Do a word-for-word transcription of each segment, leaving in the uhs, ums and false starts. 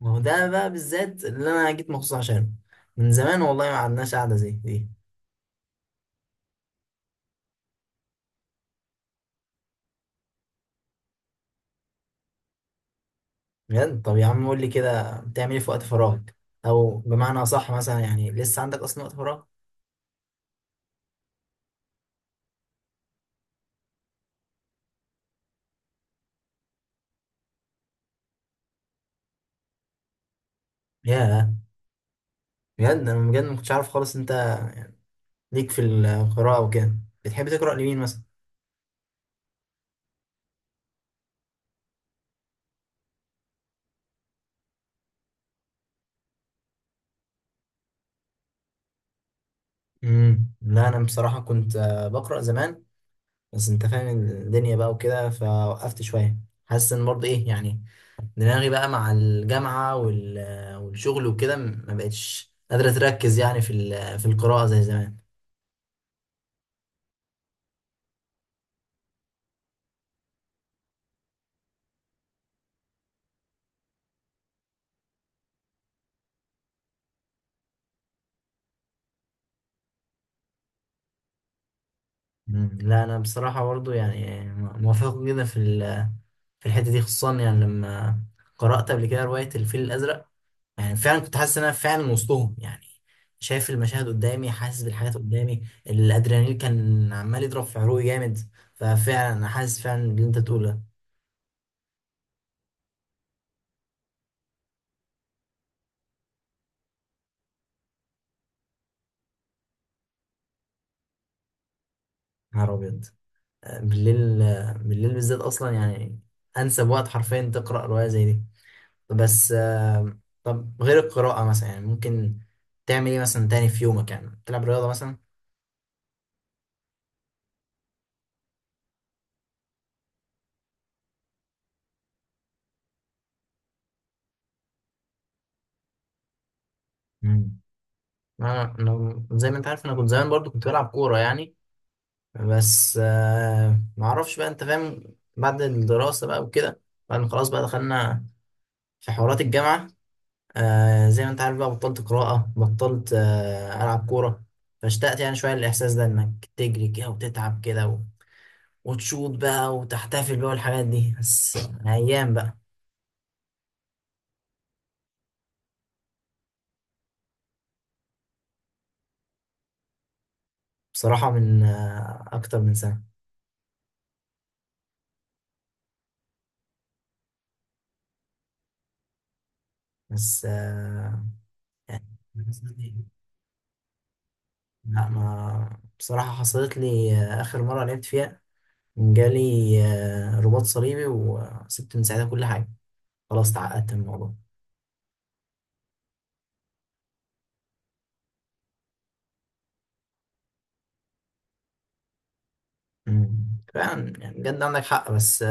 ما هو ده بقى بالذات اللي انا جيت مخصوص عشانه. من زمان والله ما عندناش قعده زي دي. بجد. طب يا عم قول لي كده، بتعمل ايه في وقت فراغك؟ او بمعنى اصح مثلا يعني، لسه عندك اصلا وقت فراغ؟ ياه، بجد انا بجد ما كنتش عارف خالص انت ليك في القراءه وكده. بتحب تقرا لمين مثلا؟ امم لا، انا بصراحه كنت آه، بقرا زمان. بس انت فاهم الدنيا بقى وكده، فوقفت شويه. حاسس ان برضه ايه يعني، دماغي بقى مع الجامعة وال- والشغل وكده م- ما بقتش قادرة تركز يعني في ال- في القراءة زي زمان. مم. لا أنا بصراحة برضو يعني م- موافق جدا في ال- في الحتة دي خصوصا، يعني لما قرأت قبل كده رواية الفيل الأزرق. يعني فعلا كنت حاسس إن أنا فعلا وسطهم، يعني شايف المشاهد قدامي، حاسس بالحاجات قدامي، الأدرينالين كان عمال يضرب في عروقي جامد. ففعلا أنا حاسس فعلا باللي أنت بتقوله يا. نهار أبيض. بالليل. بالليل بالذات اصلا يعني انسب وقت حرفيا تقرا روايه زي دي. بس آه، طب غير القراءه مثلا، يعني ممكن تعمل ايه مثلا تاني في يومك؟ يعني تلعب رياضه مثلا؟ مم. انا أنا زي ما انت عارف انا كنت زمان برضو كنت بلعب كوره يعني. بس آه، ما اعرفش بقى انت فاهم. بعد الدراسه بقى وكده، بعد ما خلاص بقى دخلنا في حوارات الجامعه. آه زي ما انت عارف بقى، بطلت قراءة، بطلت آه ألعب كورة. فاشتقت يعني شوية للإحساس ده، إنك تجري كده وتتعب كده و... وتشوط بقى وتحتفل بقى والحاجات دي. بس آه، أيام بقى. بصراحة من آه أكتر من سنة. بس آه يعني من سنة، إيه؟ لا ما بصراحة، حصلت لي، آه آخر مرة لعبت فيها جالي آه رباط صليبي، وسبت من ساعتها كل حاجة. خلاص تعقدت من الموضوع. مم. فعلا يعني بجد عندك حق، بس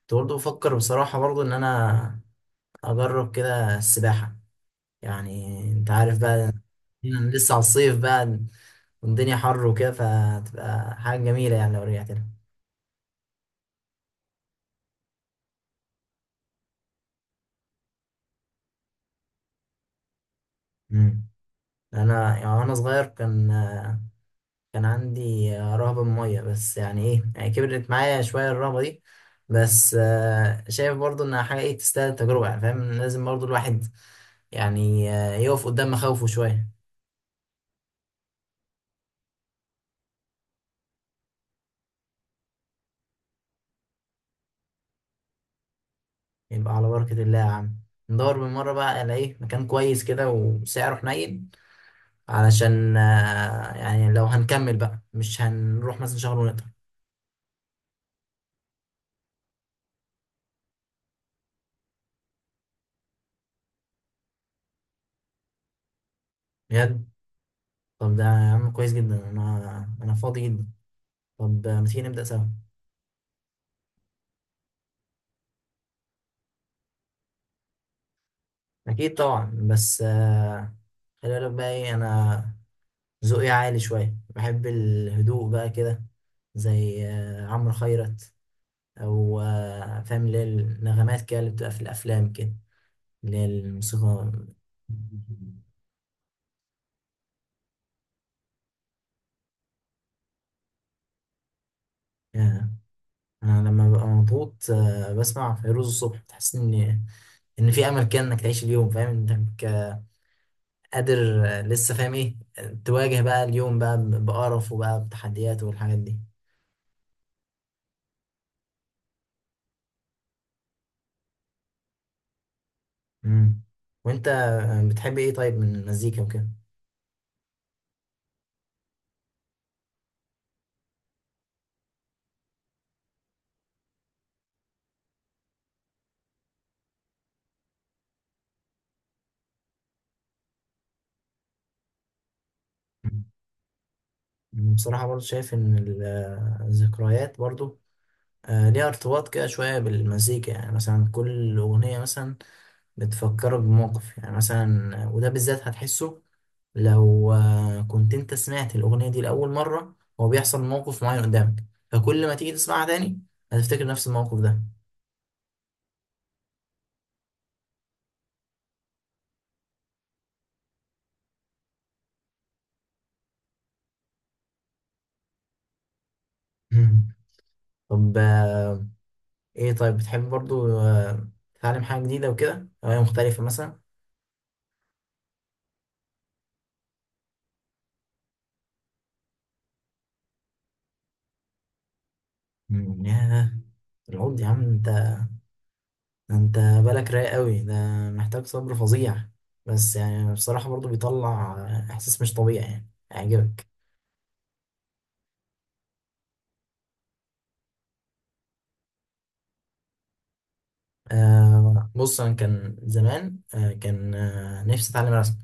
كنت برضه بفكر بصراحة برضه إن أنا أجرب كده السباحة، يعني أنت عارف بقى إن لسه على الصيف بقى والدنيا حر وكده، فتبقى حاجة جميلة يعني لو رجعت لها. أمم. أنا يعني وأنا صغير كان كان عندي رهبة من المية، بس يعني إيه، يعني كبرت معايا شوية الرهبة دي. بس آه، شايف برضه إنها حاجة إيه تستاهل التجربة، يعني فاهم لازم برضه الواحد يعني آه، يقف قدام مخاوفه شوية. يبقى على بركة الله يا عم، ندور بالمرة بقى على ايه مكان كويس كده وسعره حنين، علشان آه، يعني لو هنكمل بقى مش هنروح مثلا شهر ونقطع. بجد. طب ده يا عم كويس جدا، انا انا فاضي جدا. طب آه، ما تيجي نبدأ سوا؟ اكيد طبعا، بس آه، خلي بالك بقى ايه، انا ذوقي عالي شوية، بحب الهدوء بقى كده، زي آه، عمرو خيرت، او آه، فاهم اللي هي النغمات كده اللي بتبقى في الافلام كده، اللي هي الموسيقى. آه. أنا لما ببقى مضغوط آه، بسمع فيروز الصبح، تحس إن إن في أمل كده إنك تعيش اليوم، فاهم إنك آه، قادر آه، لسه فاهم إيه تواجه بقى اليوم بقى ب- بقرف وبقى بتحديات والحاجات دي. مم. وأنت آه، بتحب إيه طيب من المزيكا وكده؟ مم. بصراحة برضه شايف إن ال- آه، الذكريات برضه آه، ليها ارتباط كده شوية بالمزيكا، يعني مثلا كل أغنية مثلا بتفكرك بموقف، يعني مثلا وده بالذات هتحسه لو آه، كنت انت سمعت الأغنية دي لأول مرة، هو بيحصل موقف معين قدامك، فكل ما تيجي تسمعها تاني هتفتكر نفس الموقف ده. طب آه، ايه طيب بتحب برضو آه، تتعلم حاجة جديدة وكده، هواية مختلفة مثلا؟ مم، ياه، العود يا عم! انت انت بالك رايق قوي ده، محتاج صبر فظيع، بس يعني بصراحة برضو بيطلع آه، إحساس مش طبيعي يعني هيعجبك. آه بص انا كان زمان آه كان آه نفسي اتعلم رسم.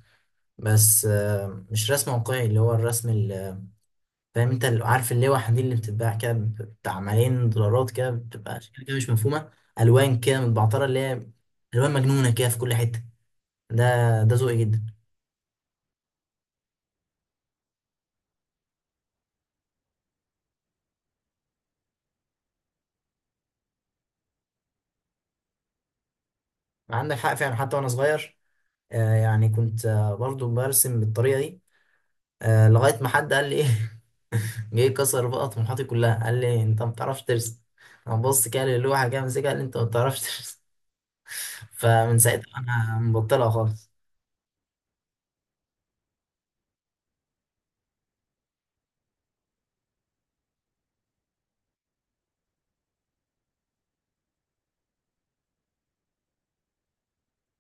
بس آه مش رسم واقعي، اللي هو الرسم اللي فاهم انت، اللي عارف اللوحه دي اللي بتتباع كده بتاع ملايين دولارات كده، بتبقى اشكال كده مش مفهومه. الوان كده متبعتره، اللي هي الوان مجنونه كده في كل حته. ده ده ذوقي جدا. عندك حق فعلا، حتى وانا صغير آه يعني كنت آه برضو برسم بالطريقه دي. آه لغايه ما حد قال لي ايه جه كسر بقى طموحاتي كلها، قال لي انت ما بتعرفش ترسم. انا بص كده للوحه كده، مسكها، قال لي انت ما بتعرفش ترسم فمن ساعتها انا مبطلها خالص.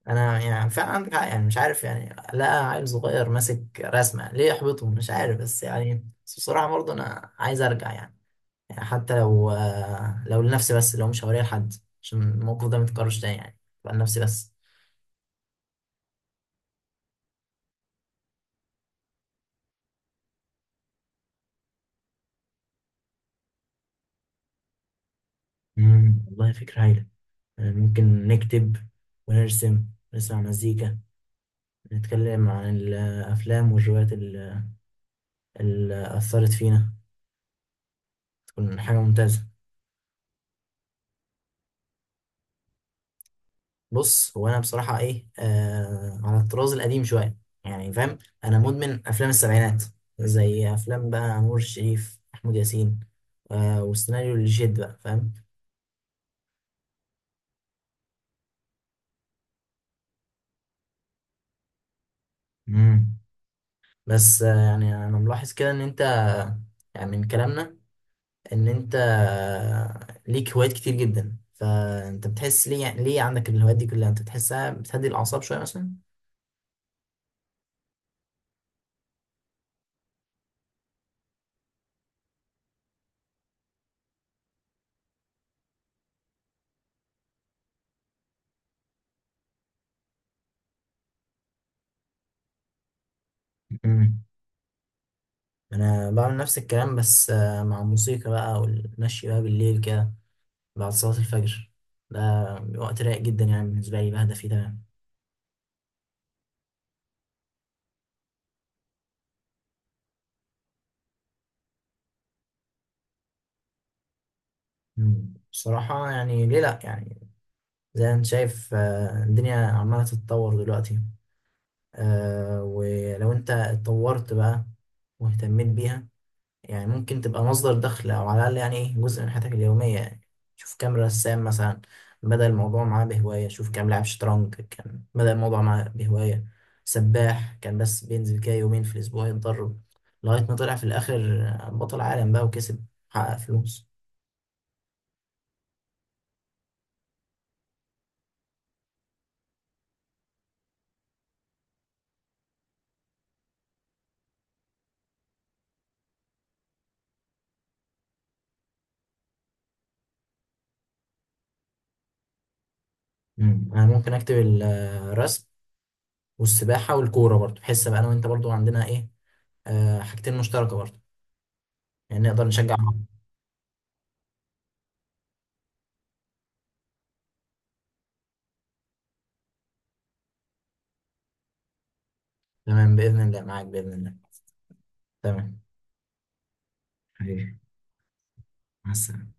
انا يعني فعلا عندك حق يعني مش عارف يعني، لا عيل صغير ماسك رسمه ليه يحبطه مش عارف، بس يعني بس بصراحه برضه انا عايز ارجع يعني, يعني حتى لو لو لنفسي بس، لو مش هوريها لحد، عشان الموقف ده ما يتكررش تاني يعني، يبقى لنفسي بس. مم، والله فكره هايله! يعني ممكن نكتب ونرسم، نسمع مزيكا، نتكلم عن الأفلام والروايات ال- اللي أثرت فينا. تكون حاجة ممتازة. بص، هو أنا بصراحة إيه آه على الطراز القديم شوية يعني فاهم. أنا مدمن أفلام السبعينات، زي أفلام بقى نور الشريف، محمود ياسين، آه والسيناريو اللي جد بقى فاهم. مم. بس آه يعني أنا ملاحظ كده إن أنت، يعني من كلامنا إن أنت آه، ليك هوايات كتير جدا، فأنت بتحس ليه ليه عندك الهوايات دي كلها؟ أنت بتحسها بتهدي الأعصاب شوية مثلا؟ مم. انا بعمل نفس الكلام، بس آه، مع الموسيقى بقى، والمشي بقى بالليل كده بعد صلاة الفجر. ده وقت رايق جدا يعني بالنسبة لي، بهدى فيه تمام. مم. بصراحة يعني ليه لأ يعني. زي ما انت شايف آه، الدنيا عمالة تتطور دلوقتي، آه، ولو انت اتطورت بقى واهتميت بيها، يعني ممكن تبقى مصدر دخل أو على الأقل يعني إيه جزء من حياتك اليومية يعني. شوف كام رسام مثلا بدأ الموضوع معاه بهواية، شوف كام لاعب شطرنج كان بدأ الموضوع معاه بهواية، سباح كان بس بينزل كده يومين في الأسبوع يتدرب، لغاية ما طلع في الآخر بطل عالم بقى وكسب، حقق فلوس. مم. أنا ممكن أكتب ال- الرسم والسباحة والكورة. برضه بحس بقى أنا وأنت برضه عندنا إيه آه، حاجتين مشتركة برضه، يعني نقدر نشجع بعض. مم. تمام بإذن الله، معاك بإذن الله، تمام، حبيبي، مع السلامة.